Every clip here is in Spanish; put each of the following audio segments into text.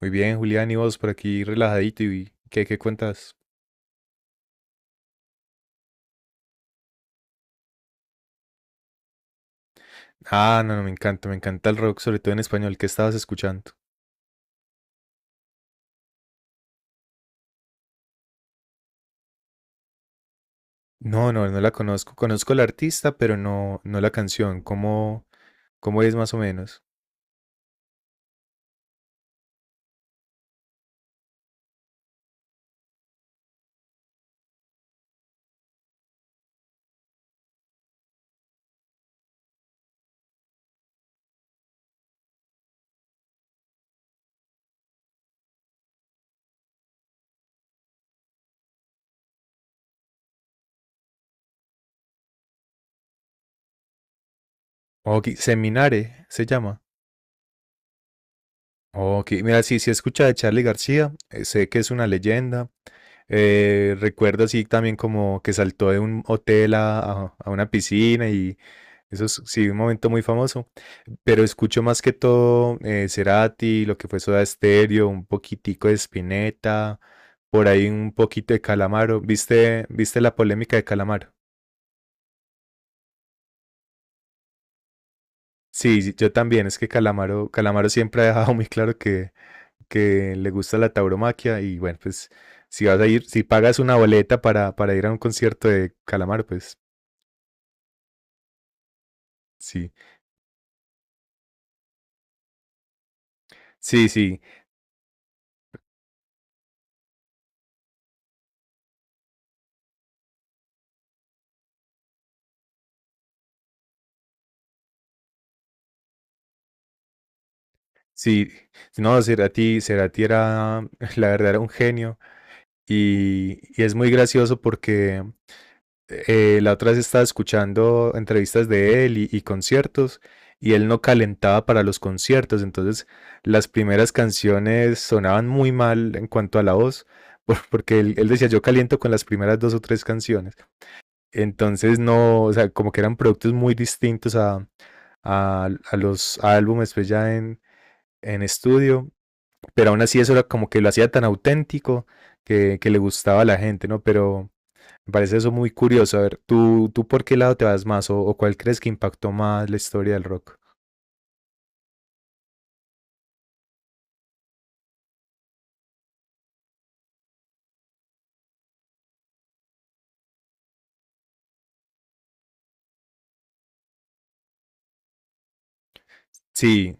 Muy bien, Julián, y vos por aquí relajadito y ¿qué cuentas? Ah, no, no, me encanta el rock, sobre todo en español. ¿Qué estabas escuchando? No, no, no la conozco. Conozco la artista, pero no, no la canción. ¿Cómo es más o menos? Ok, Seminare se llama. Ok, mira, sí, sí escucha de Charlie García, sé que es una leyenda. Recuerdo así también como que saltó de un hotel a una piscina y Eso es, sí, un momento muy famoso. Pero escucho más que todo Cerati, lo que fue Soda Stereo, un poquitico de Spinetta, por ahí un poquito de Calamaro. ¿Viste la polémica de Calamaro? Sí, sí, yo también. Es que Calamaro, Calamaro siempre ha dejado muy claro que le gusta la tauromaquia. Y bueno, pues si vas a ir, si pagas una boleta para ir a un concierto de Calamaro, pues sí. Sí, sí, sí. No, Cerati, Cerati era, la verdad, era un genio. Y, y es muy gracioso porque la otra vez estaba escuchando entrevistas de él y conciertos y él no calentaba para los conciertos, entonces las primeras canciones sonaban muy mal en cuanto a la voz, porque él decía yo caliento con las primeras dos o tres canciones, entonces no, o sea, como que eran productos muy distintos a los álbumes pues ya en estudio, pero aún así eso era como que lo hacía tan auténtico que le gustaba a la gente, ¿no? Pero me parece eso muy curioso. A ver, ¿tú por qué lado te vas más o cuál crees que impactó más la historia del rock? Sí,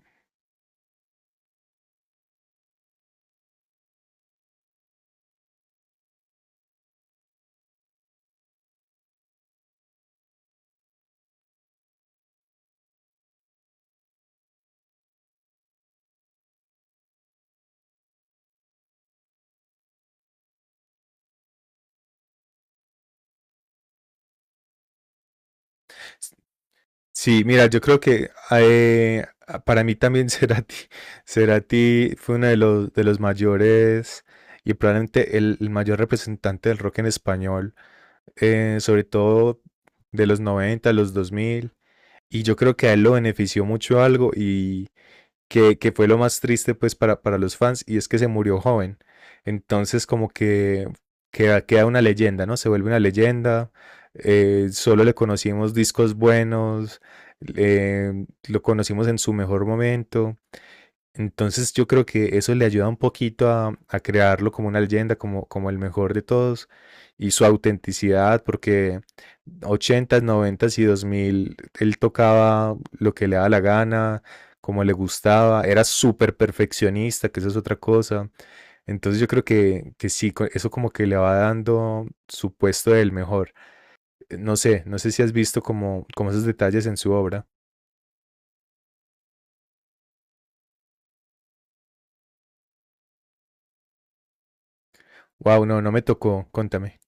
sí, mira, yo creo que para mí también Cerati, Cerati fue uno de los mayores y probablemente el mayor representante del rock en español, sobre todo de los 90 los 2000 Y yo creo que a él lo benefició mucho algo que fue lo más triste pues para los fans y es que se murió joven. Entonces como que queda, queda una leyenda, ¿no? Se vuelve una leyenda, solo le conocimos discos buenos, lo conocimos en su mejor momento entonces yo creo que eso le ayuda un poquito a crearlo como una leyenda, como el mejor de todos y su autenticidad, porque ochentas, noventas y 2000 él tocaba lo que le daba la gana, como le gustaba, era súper perfeccionista, que eso es otra cosa. Entonces yo creo que sí, eso como que le va dando su puesto del mejor. No sé, no sé si has visto como esos detalles en su obra. Wow, no, no me tocó, contame.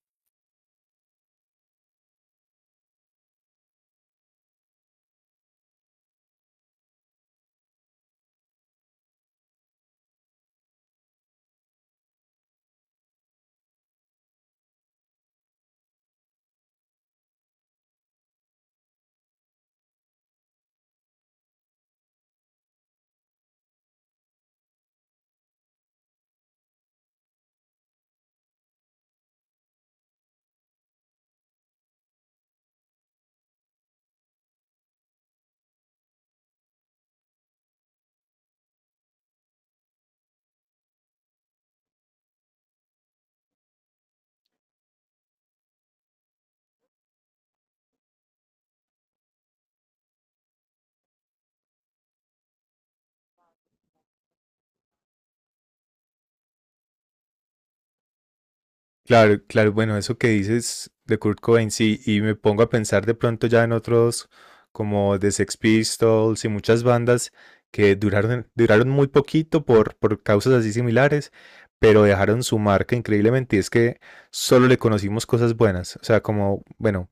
Claro, claro, bueno, eso que dices de Kurt Cobain, sí, y me pongo a pensar de pronto ya en otros como The Sex Pistols y muchas bandas que duraron, duraron muy poquito por causas así similares, pero dejaron su marca increíblemente y es que solo le conocimos cosas buenas, o sea, como, bueno,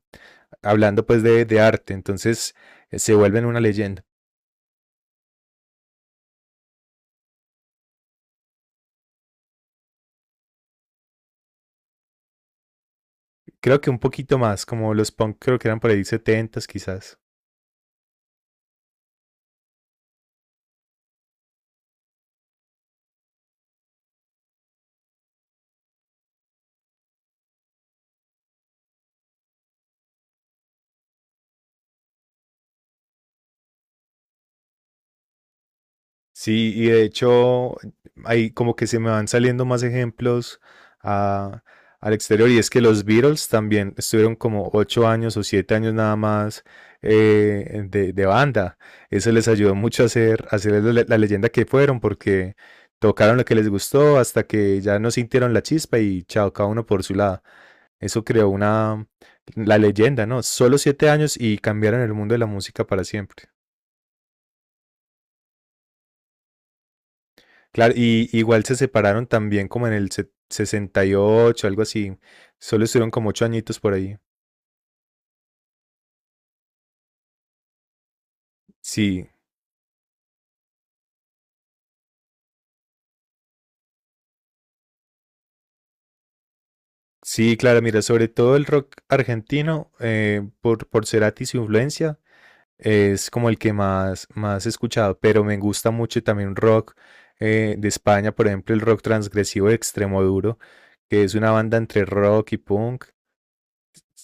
hablando pues de arte, entonces se vuelven una leyenda. Creo que un poquito más, como los punk creo que eran por ahí setentas quizás. Sí, y de hecho, ahí como que se me van saliendo más ejemplos a- al exterior. Y es que los Beatles también estuvieron como 8 años o 7 años nada más de banda. Eso les ayudó mucho a ser la leyenda que fueron, porque tocaron lo que les gustó hasta que ya no sintieron la chispa y chao, cada uno por su lado. Eso creó la leyenda, ¿no? Solo 7 años y cambiaron el mundo de la música para siempre. Claro, y igual se separaron también como en el 68, algo así. Solo estuvieron como 8 añitos por ahí. Sí, sí, claro, mira, sobre todo el rock argentino, por Cerati y su influencia, es como el que más he escuchado, pero me gusta mucho también rock de España, por ejemplo, el rock transgresivo de Extremoduro, que es una banda entre rock y punk.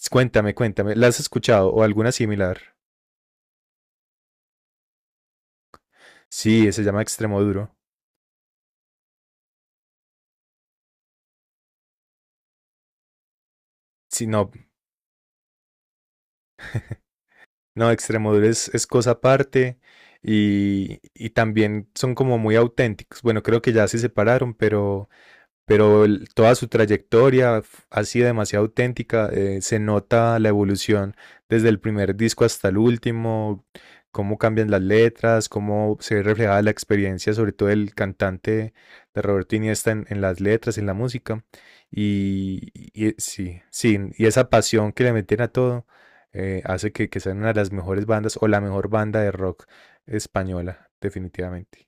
Cuéntame, cuéntame, ¿la has escuchado o alguna similar? Sí, se llama Extremoduro. Sí, no, no, Extremoduro es cosa aparte y también son como muy auténticos. Bueno, creo que ya se separaron, pero pero toda su trayectoria ha sido demasiado auténtica. Se nota la evolución desde el primer disco hasta el último, cómo cambian las letras, cómo se ve reflejada la experiencia, sobre todo el cantante de Roberto Iniesta en las letras, en la música. Y sí, sí, y esa pasión que le meten a todo hace que sean una de las mejores bandas o la mejor banda de rock española, definitivamente.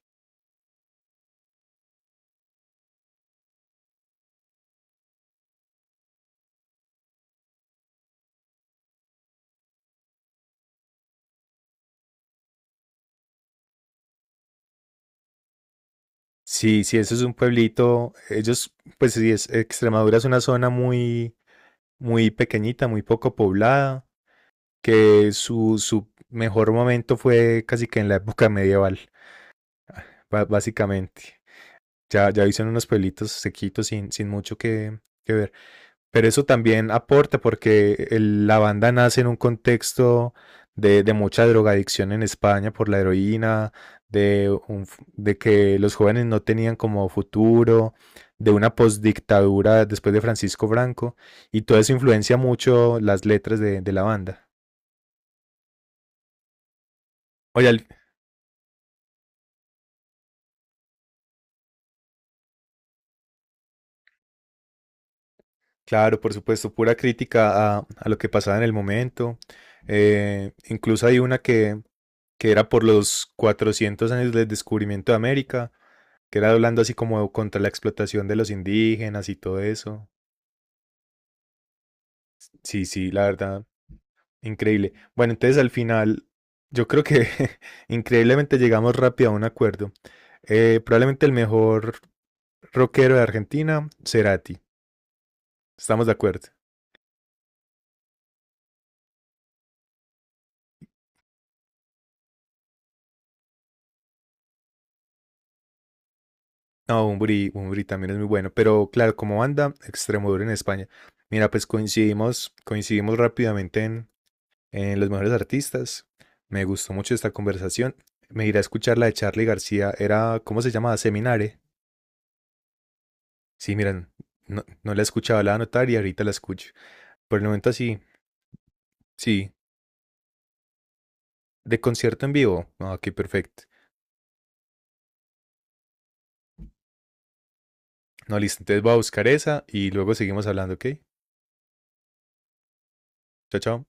Sí, sí, eso es un pueblito. Ellos, pues sí, Extremadura es una zona muy, muy pequeñita, muy poco poblada, que su mejor momento fue casi que en la época medieval, básicamente. Ya, ya hicieron unos pueblitos sequitos sin mucho que ver. Pero eso también aporta porque la banda nace en un contexto de mucha drogadicción en España por la heroína, de que los jóvenes no tenían como futuro, de una postdictadura después de Francisco Franco, y todo eso influencia mucho las letras de la banda. Oye. Claro, por supuesto, pura crítica a lo que pasaba en el momento. Incluso hay una que era por los 400 años del descubrimiento de América, que era hablando así como contra la explotación de los indígenas y todo eso. Sí, sí, la verdad, increíble. Bueno, entonces al final, yo creo que increíblemente llegamos rápido a un acuerdo. Probablemente el mejor rockero de Argentina, Cerati. Estamos de acuerdo. No, Bunbury, Bunbury también es muy bueno, pero claro, como banda, Extremoduro en España. Mira, pues coincidimos, coincidimos rápidamente en los mejores artistas. Me gustó mucho esta conversación. Me iré a escuchar la de Charlie García. Era, ¿cómo se llamaba? Seminare. Sí, miran, no, no la escuchaba, la voy a anotar y ahorita la escucho. Por el momento así, sí. De concierto en vivo. Ah, qué perfecto. No, listo. Entonces voy a buscar esa y luego seguimos hablando, ¿ok? Chao, chao.